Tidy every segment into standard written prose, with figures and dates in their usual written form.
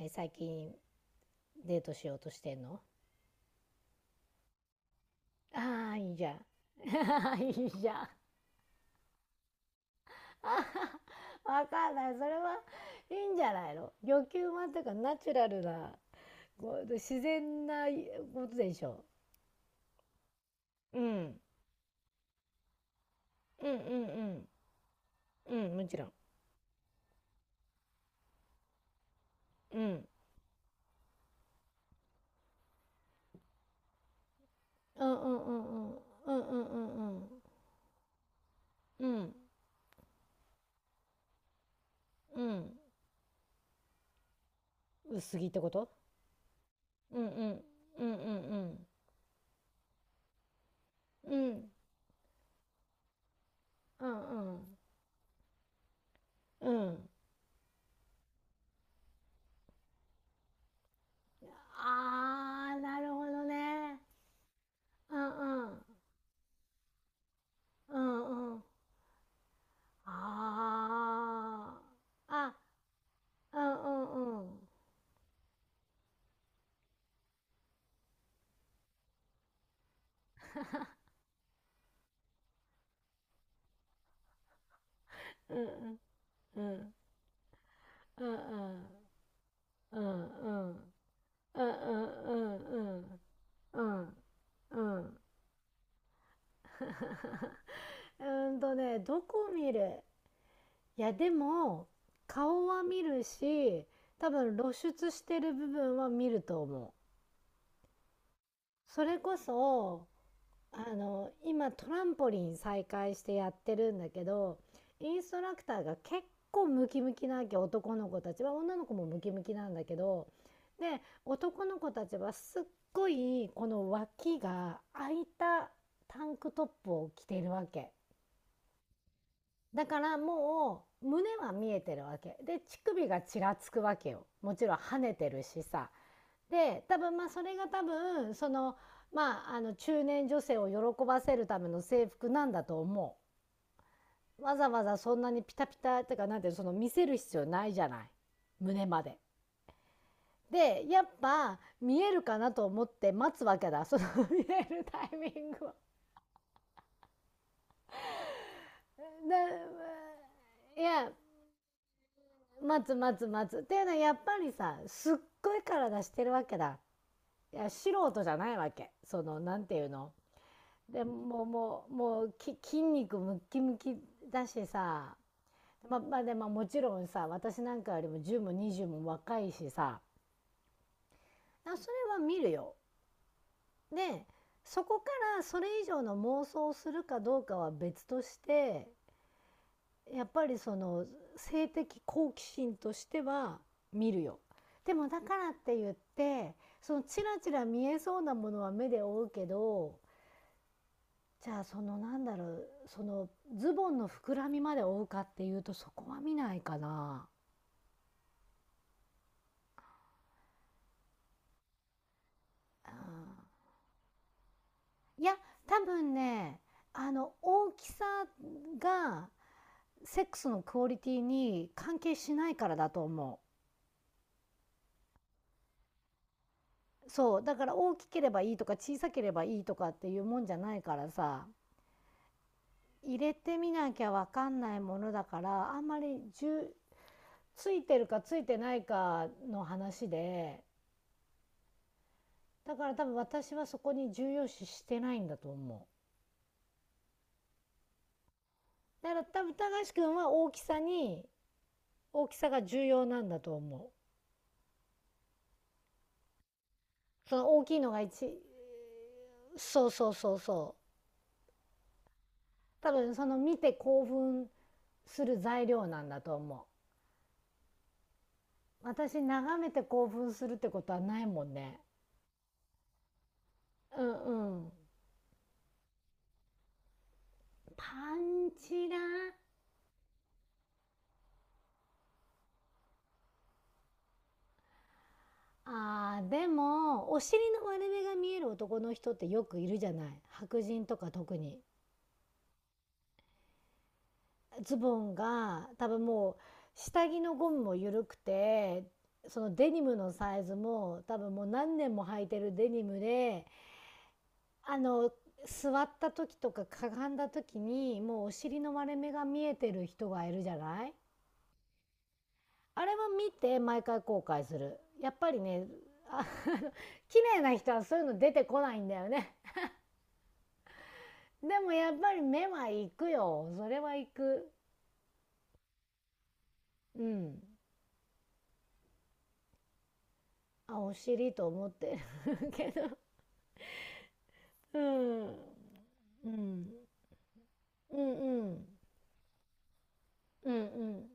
最近デートしようとしてんの？ああ、いいじゃん。いいじゃん。わかんない。それはいいんじゃないの？欲求満というかナチュラルな、こう自然なことでしょう。うん。うんうんうん。うん、もちろん。うん。うんうんうんうん。うんうんうんうん。うん。うん。薄着ってこと？うんうん。うんうんうん。うん。うんうん。うん。ああ、なるほどね。うんうん。うんうん。ああ。あ、うんうんうん。うんうんうん。うんうんうんうんうんうんうんうんうんとね、どこ見る？いや、でも、顔は見るし、多分露出してる部分は見ると思う。それこそ、あの、今トランポリン再開してやってるんだけど、インストラクターが結構ムキムキなわけ、男の子たちは、女の子もムキムキなんだけど、で、男の子たちはすっごい、この脇が開いたタンクトップを着ているわけ。だからもう、胸は見えてるわけ。で、乳首がちらつくわけよ。もちろん跳ねてるしさ。で多分まあそれが多分その、まあ、あの中年女性を喜ばせるための制服なんだと思う。わざわざそんなにピタピタってか、なんていうの、その見せる必要ないじゃない、胸まで。でやっぱ見えるかなと思って待つわけだ、その 見えるタイミングを。いや、待つ待つ待つっていうのはやっぱりさ、すっごい体してるわけだ。いや素人じゃないわけ、そのなんていうの、でもうもうもう筋肉ムッキムキだしさ、まあまあでももちろんさ、私なんかよりも10も20も若いしさ、それは見るよ。でそこからそれ以上の妄想をするかどうかは別として、やっぱりその性的好奇心としては見るよ。でもだからって言って、そのチラチラ見えそうなものは目で追うけど、じゃあそのなんだろう、そのズボンの膨らみまで追うかっていうと、そこは見ないかな。うん、いや多分ね、あの大きさがセックスのクオリティに関係しないからだと思う。そうだから大きければいいとか小さければいいとかっていうもんじゃないからさ、入れてみなきゃ分かんないものだから、あんまりついてるかついてないかの話で、だから多分私はそこに重要視してないんだと思う。だから多分高橋君は大きさが重要なんだと思う。その大きいのがそうそうそうそう。多分その見て興奮する材料なんだと思う。私眺めて興奮するってことはないもんね。うんうん。パンチラ。でもお尻の割れ目が見える男の人ってよくいるじゃない、白人とか特に。ズボンが多分もう下着のゴムも緩くて、そのデニムのサイズも多分もう何年も履いてるデニムで、あの座った時とかかがんだ時にもうお尻の割れ目が見えてる人がいるじゃない。あれは見て毎回後悔するやっぱりね、あの 綺麗な人はそういうの出てこないんだよね。でもやっぱり目は行くよ、それは行く。うん、あ、お尻と思ってるけど。うん。うん。うんうん。うんうん。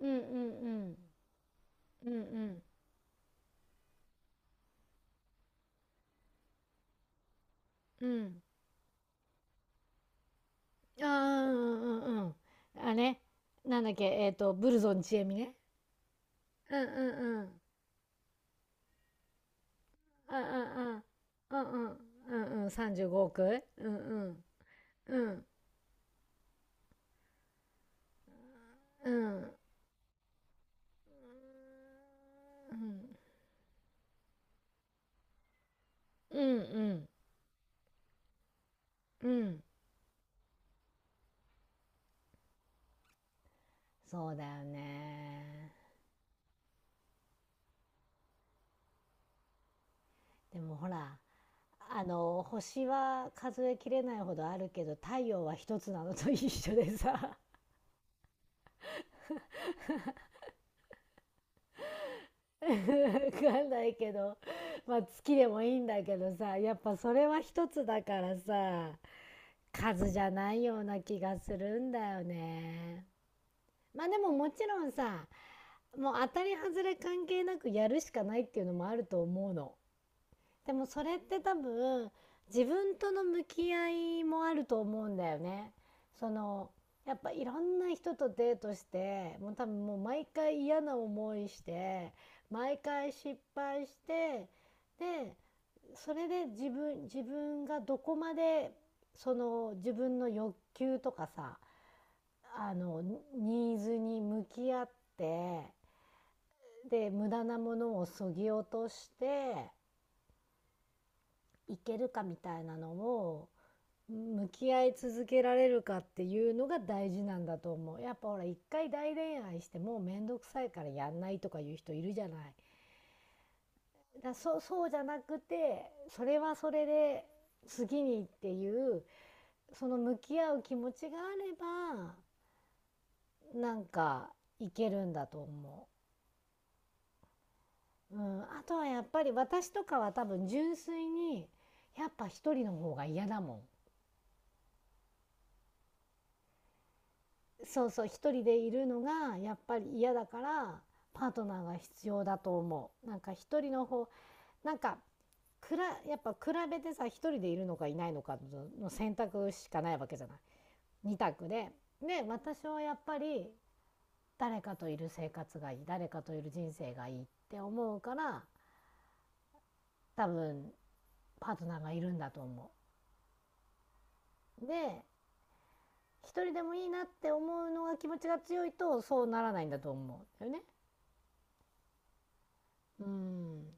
うんうんうん。うんうん。うん。ああ、うんうんうん。あね。なんだっけ、ブルゾンちえみね。うんうんうん。うんうんうん。うんうん。うんうん。35億うごおく、うんうん。うんうん。うんうんうん。うん。そうだよね。でもほら。あの星は数えきれないほどあるけど太陽は一つなのと一緒でさ、 分かんないけど、まあ月でもいいんだけどさ、やっぱそれは一つだからさ、数じゃないような気がするんだよね。まあでももちろんさ、もう当たり外れ関係なくやるしかないっていうのもあると思うの。でもそれって多分自分との向き合いもあると思うんだよね。その、やっぱいろんな人とデートして、もう多分もう毎回嫌な思いして、毎回失敗して、でそれで自分がどこまで、その自分の欲求とかさ、あのニーズに向き合って、で無駄なものをそぎ落としていけるかみたいなのを、向き合い続けられるかっていうのが大事なんだと思う。やっぱほら、一回大恋愛してもうめんどくさいからやんないとかいう人いるじゃない。そうじゃなくて、それはそれで次にっていうその向き合う気持ちがあれば、なんかいけるんだと思う。うん、あとはやっぱり私とかは多分純粋に、やっぱ一人の方が嫌だもん。そうそう、一人でいるのがやっぱり嫌だから、パートナーが必要だと思う。なんか一人の方、なんかやっぱ比べてさ、一人でいるのかいないのかの選択しかないわけじゃない、二択で私はやっぱり誰かといる生活がいい、誰かといる人生がいいって思うから、多分パートナーがいるんだと思う。で一人でもいいなって思うのが気持ちが強いと、そうならないんだと思うんだよね。うん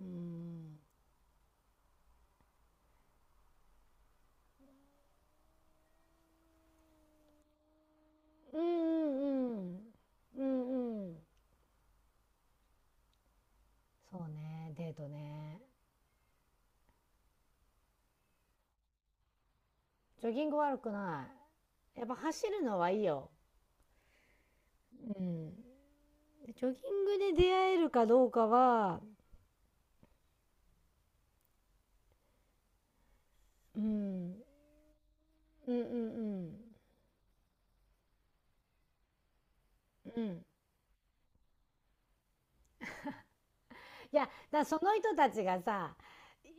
うんうんうん。うんうん。そうね、デートね。ジョギング悪くない。やっぱ走るのはいいよ。うん。ジョギングで出会えるかどうかは、うん、うんうんうん。うん。いや、だからその人たちがさ、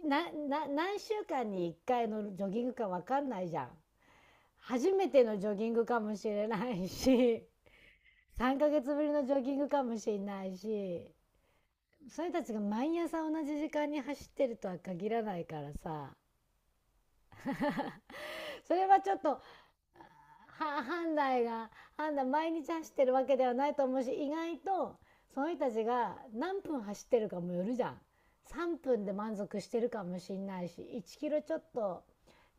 な、何週間に1回のジョギングかわかんないじゃん。初めてのジョギングかもしれないし、3ヶ月ぶりのジョギングかもしれないし、それたちが毎朝同じ時間に走ってるとは限らないからさ、それはちょっと判断が判断、毎日走ってるわけではないと思うし、意外とその人たちが何分走ってるかもよるじゃん。3分で満足してるかもしんないし、1キロちょっと、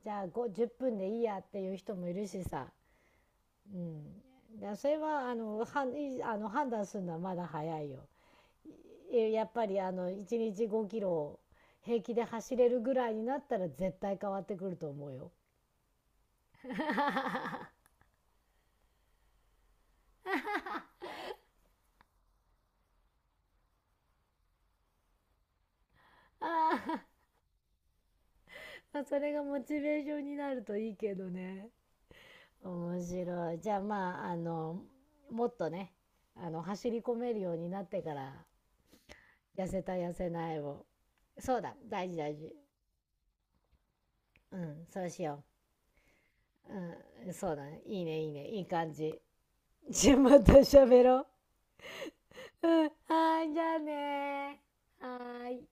じゃあ5 10分でいいやっていう人もいるしさ、うん、だからそれは判断するのはまだ早いよ。やっぱりあの1日5キロを平気で走れるぐらいになったら絶対変わってくると思うよ。ああ、 それがモチベーションになるといいけどね。面白い。じゃあまあ、あのもっとね、あの走り込めるようになってから、痩せた痩せないを。そうだ、大事大事。うん、そうしよう。うん、そうだね、いいね、いいね、いい感じ。じゃあまた喋ろう。うん、はーい、じゃあねー、はーい。